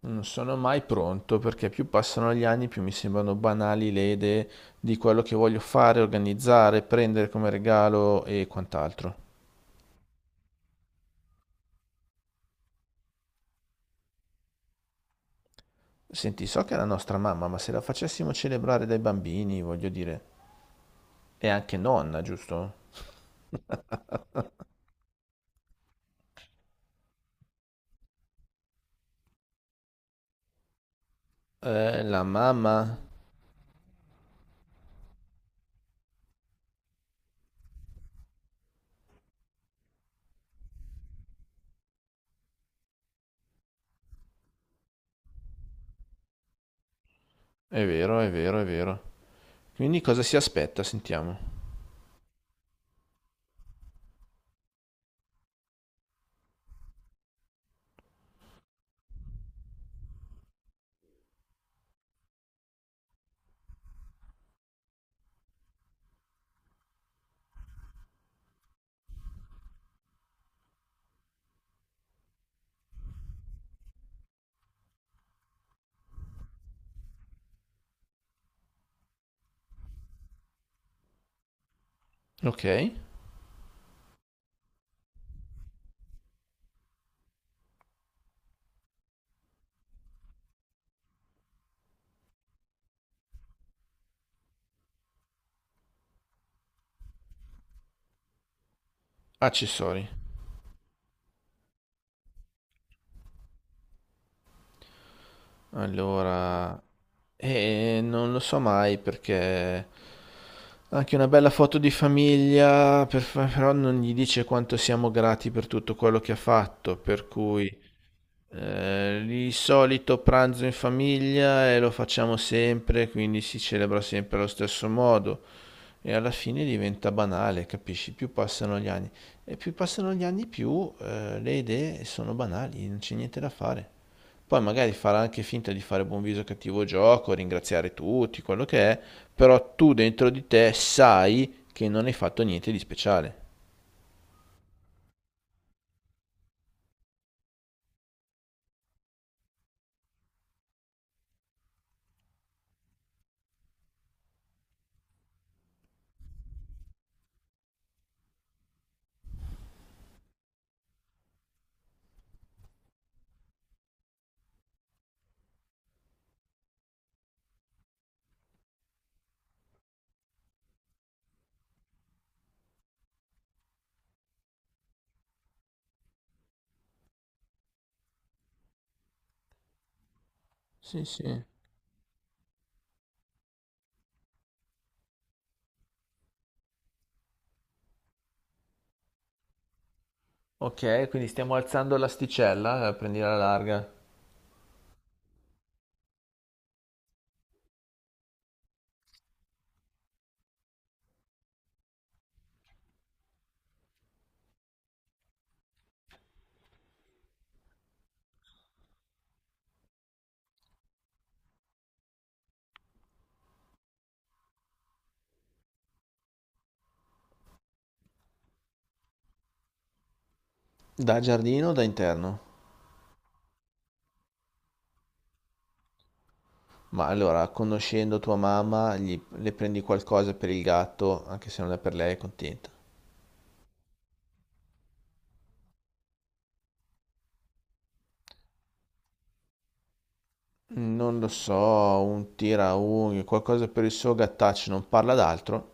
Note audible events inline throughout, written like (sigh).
Non sono mai pronto perché più passano gli anni, più mi sembrano banali le idee di quello che voglio fare, organizzare, prendere come regalo e quant'altro. Senti, so che è la nostra mamma, ma se la facessimo celebrare dai bambini, voglio dire, è anche nonna, giusto? La mamma. È vero, è vero, è vero. Quindi cosa si aspetta? Sentiamo. Ok. Accessori. Allora, non lo so mai perché anche una bella foto di famiglia, però non gli dice quanto siamo grati per tutto quello che ha fatto, per cui il solito pranzo in famiglia e lo facciamo sempre, quindi si celebra sempre allo stesso modo e alla fine diventa banale, capisci? Più passano gli anni, più le idee sono banali, non c'è niente da fare. Poi magari farà anche finta di fare buon viso cattivo gioco, ringraziare tutti, quello che è, però tu dentro di te sai che non hai fatto niente di speciale. Sì, sì. Ok, quindi stiamo alzando l'asticella, prendi la larga. Da giardino o da interno? Ma allora, conoscendo tua mamma, le prendi qualcosa per il gatto, anche se non è per lei, è contenta. Non lo so, un tiraunghie, qualcosa per il suo gattaccio, non parla d'altro.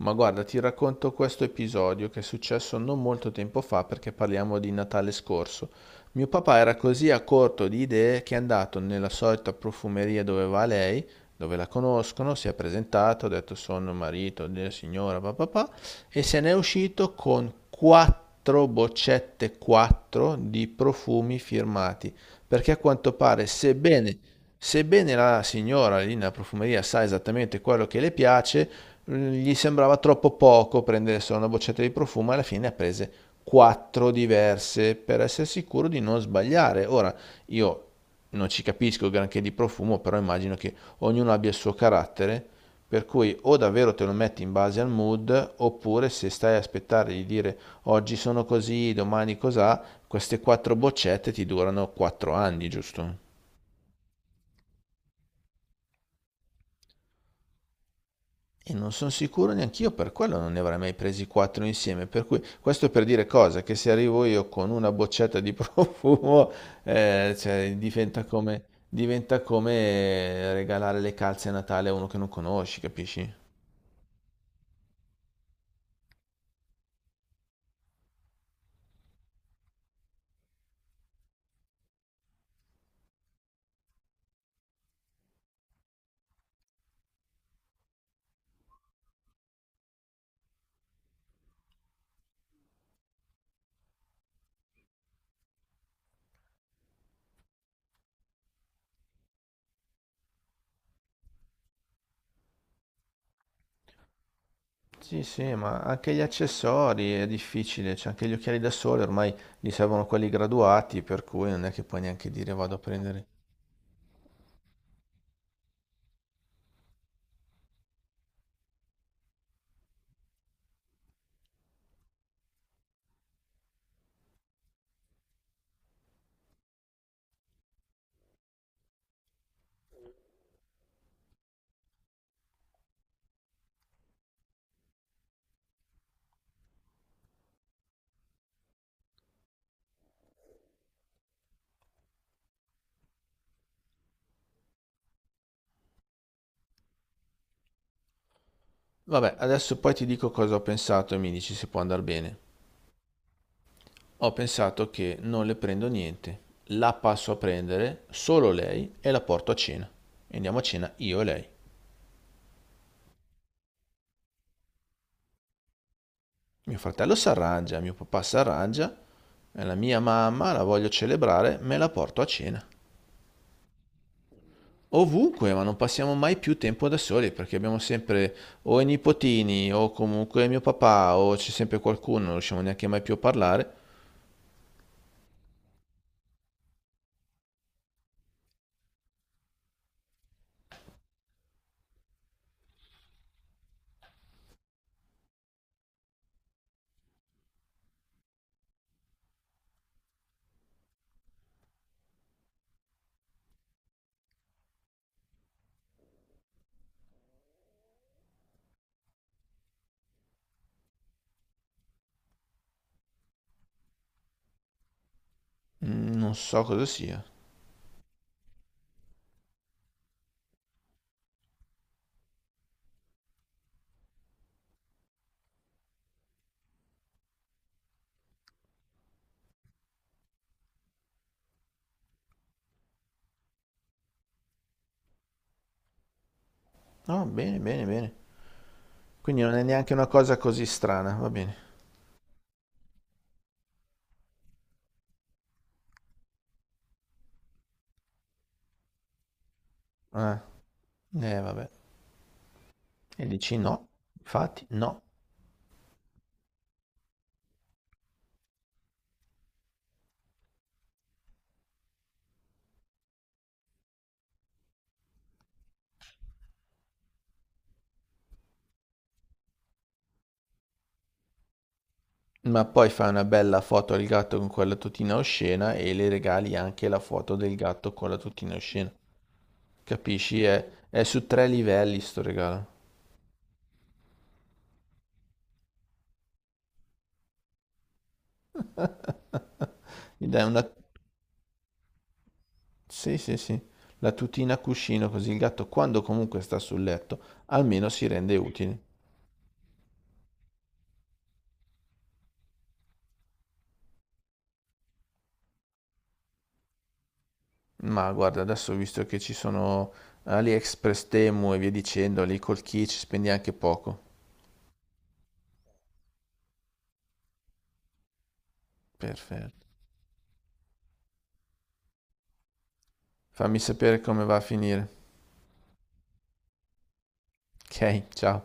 Ma guarda, ti racconto questo episodio che è successo non molto tempo fa perché parliamo di Natale scorso. Mio papà era così a corto di idee che è andato nella solita profumeria dove va lei, dove la conoscono, si è presentato, ha detto sono marito della signora papà e se n'è uscito con quattro boccette, quattro di profumi firmati, perché a quanto pare, sebbene la signora lì nella profumeria sa esattamente quello che le piace, gli sembrava troppo poco prendere solo una boccetta di profumo, alla fine ha prese quattro diverse per essere sicuro di non sbagliare. Ora, io non ci capisco granché di profumo, però immagino che ognuno abbia il suo carattere, per cui o davvero te lo metti in base al mood, oppure se stai a aspettare di dire oggi sono così, domani cos'ha, queste quattro boccette ti durano quattro anni, giusto? E non sono sicuro neanch'io, per quello non ne avrei mai presi quattro insieme. Per cui, questo è per dire cosa? Che se arrivo io con una boccetta di (laughs) profumo, cioè, diventa come regalare le calze a Natale a uno che non conosci, capisci? Sì, sì, ma anche gli accessori è difficile, cioè anche gli occhiali da sole ormai gli servono quelli graduati, per cui non è che puoi neanche dire vado a prendere. Vabbè, adesso poi ti dico cosa ho pensato e mi dici se può andare bene. Ho pensato che non le prendo niente, la passo a prendere solo lei e la porto a cena. E andiamo a cena io e lei. Mio fratello si arrangia, mio papà si arrangia, e la mia mamma la voglio celebrare, me la porto a cena. Ovunque, ma non passiamo mai più tempo da soli perché abbiamo sempre o i nipotini o comunque mio papà o c'è sempre qualcuno, non riusciamo neanche mai più a parlare. Mm, non so cosa sia. No, bene, bene, bene. Quindi non è neanche una cosa così strana, va bene. Eh, vabbè. E dici no, infatti no. Ma poi fai una bella foto al gatto con quella tutina oscena e le regali anche la foto del gatto con la tutina oscena. Capisci? È su tre livelli sto regalo. Gli dai una... Sì, sì, sì. La tutina a cuscino così il gatto quando comunque sta sul letto almeno si rende utile. Ma guarda, adesso visto che ci sono AliExpress, Temu e via dicendo, lì col key ci spendi anche poco. Perfetto. Fammi sapere come va a finire. Ok, ciao.